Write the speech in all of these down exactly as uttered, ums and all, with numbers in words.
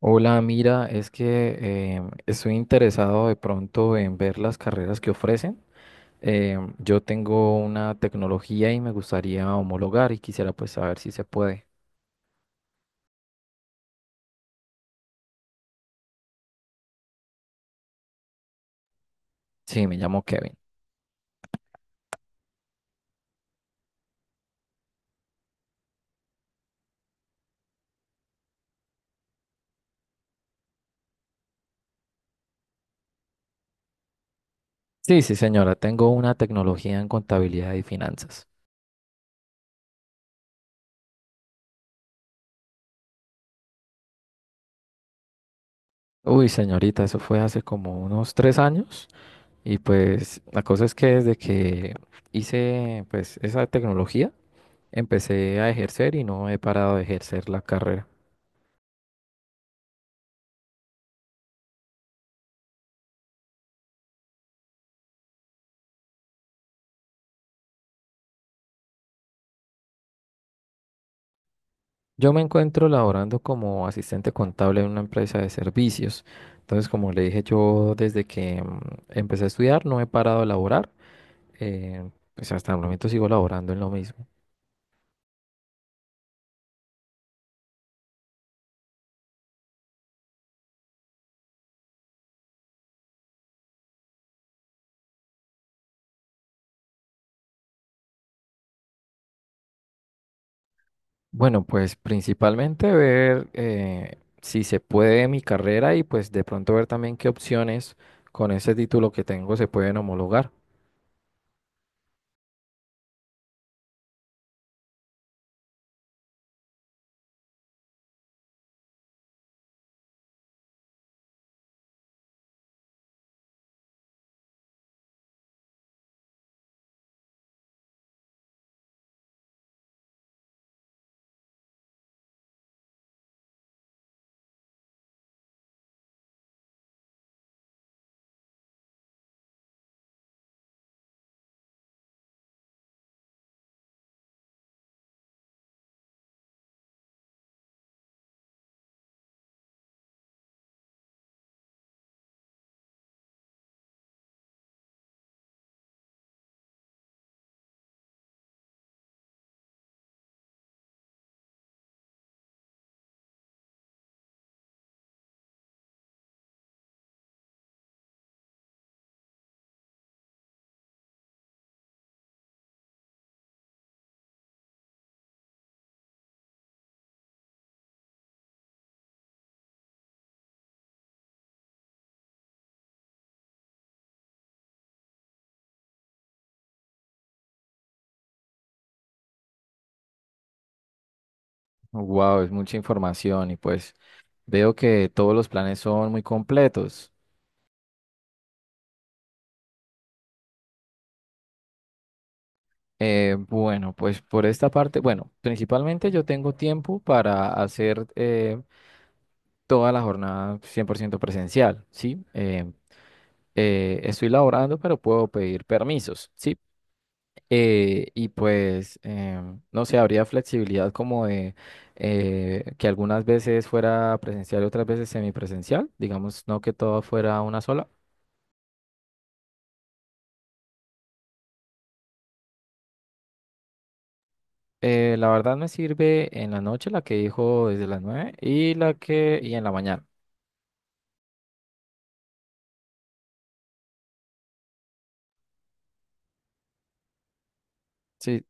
Hola, mira, es que em, estoy interesado de pronto en ver las carreras que ofrecen. Em, yo tengo una tecnología y me gustaría homologar y quisiera pues saber si se puede. Sí, me llamo Kevin. Sí, sí, señora, tengo una tecnología en contabilidad y finanzas. Uy, señorita, eso fue hace como unos tres años y pues la cosa es que desde que hice pues esa tecnología empecé a ejercer y no he parado de ejercer la carrera. Yo me encuentro laborando como asistente contable en una empresa de servicios. Entonces, como le dije, yo desde que mm, empecé a estudiar no he parado de laborar. Eh, pues hasta el momento sigo laborando en lo mismo. Bueno, pues principalmente ver eh, si se puede mi carrera y pues de pronto ver también qué opciones con ese título que tengo se pueden homologar. Wow, es mucha información y pues veo que todos los planes son muy completos. Eh, bueno, pues por esta parte, bueno, principalmente yo tengo tiempo para hacer eh, toda la jornada cien por ciento presencial, ¿sí? Eh, eh, estoy laborando, pero puedo pedir permisos, ¿sí? Eh, y pues, em, no sé, habría flexibilidad como de eh, que algunas veces fuera presencial y otras veces semipresencial, digamos, no que todo fuera una sola. Eh, la verdad me sirve en la noche la que dijo desde las nueve y la que, y en la mañana. Sí,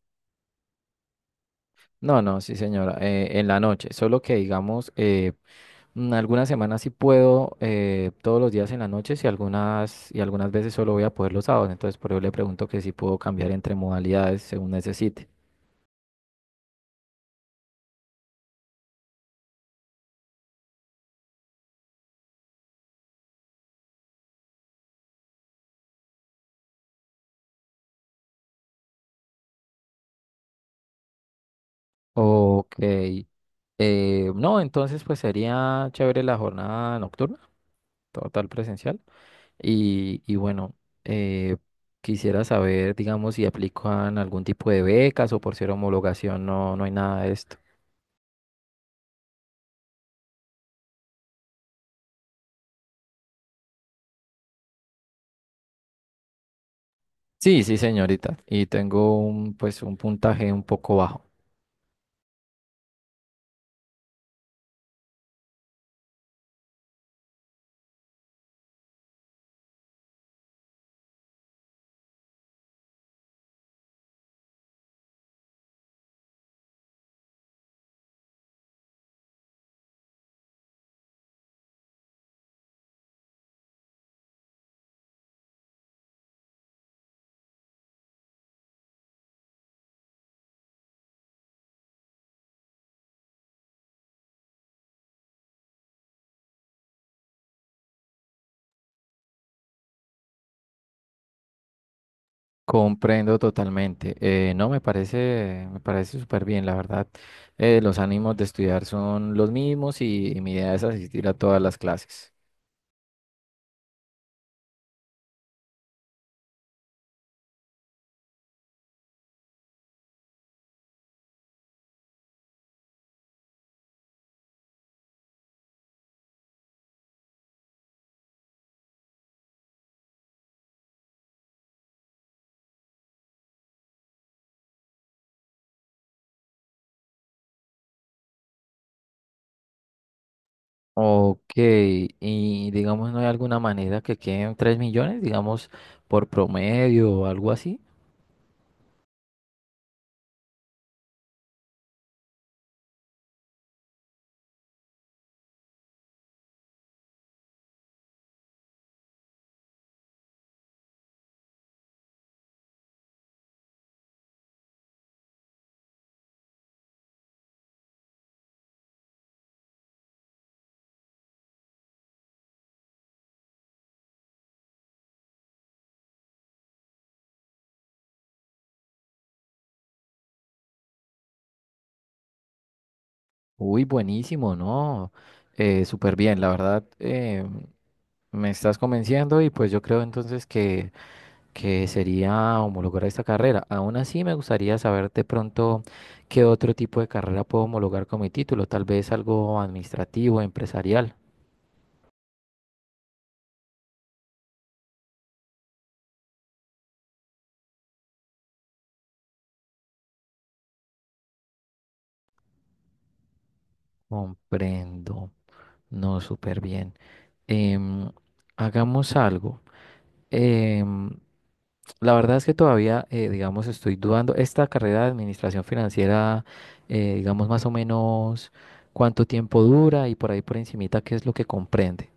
no, no, sí, señora, eh, en la noche, solo que digamos, eh, mm, algunas semanas sí puedo, eh, todos los días en la noche y algunas, y algunas veces solo voy a poder los sábados, entonces por eso le pregunto que si puedo cambiar entre modalidades según necesite. Ok, eh, no, entonces pues sería chévere la jornada nocturna, total presencial, y, y bueno, eh, quisiera saber, digamos, si aplican algún tipo de becas o por ser homologación, no, no hay nada de esto. Sí, sí, señorita. Y tengo un, pues, un puntaje un poco bajo. Comprendo totalmente. Eh, no, me parece, me parece súper bien, la verdad. Eh, los ánimos de estudiar son los mismos y, y mi idea es asistir a todas las clases. Ok, y digamos, ¿no hay alguna manera que queden tres millones, digamos, por promedio o algo así? Uy, buenísimo, ¿no? Eh, súper bien, la verdad. Eh, me estás convenciendo y pues yo creo entonces que... que sería homologar esta carrera. Aún así, me gustaría saber de pronto qué otro tipo de carrera puedo homologar con mi título, tal vez algo administrativo, empresarial. Comprendo. No, súper bien. Em, Hagamos algo. Em, la verdad es que todavía, eh, digamos, estoy dudando. Esta carrera de administración financiera, eh, digamos, más o menos cuánto tiempo dura y por ahí por encimita, qué es lo que comprende.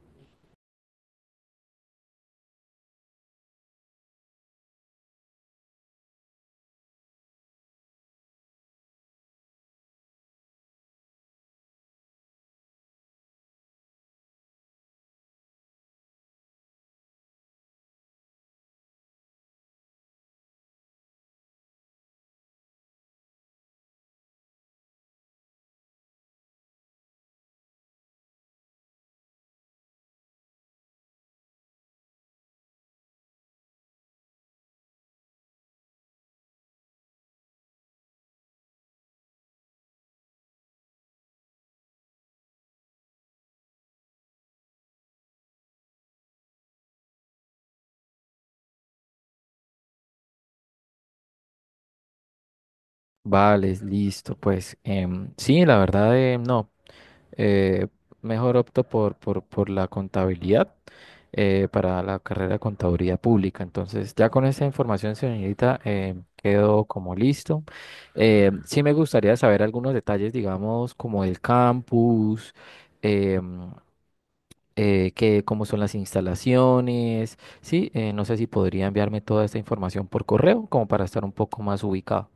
Vale, listo, pues em, sí, la verdad, eh, no, eh, mejor opto por, por, por la contabilidad, eh, para la carrera de contaduría pública. Entonces, ya con esa información, señorita, eh, quedo como listo. Eh, sí me gustaría saber algunos detalles, digamos, como el campus, em, eh, qué- cómo son las instalaciones, sí, eh, no sé si podría enviarme toda esta información por correo, como para estar un poco más ubicado.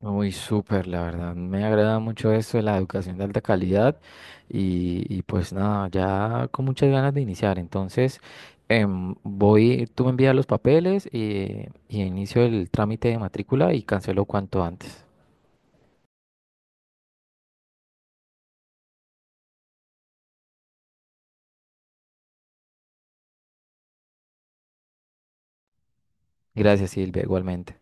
Muy súper, la verdad. Me agrada mucho eso de la educación de alta calidad y, y pues nada, ya con muchas ganas de iniciar. Entonces, em, voy, tú me envías los papeles y, y inicio el trámite de matrícula y cancelo cuanto antes. Gracias, Silvia, igualmente.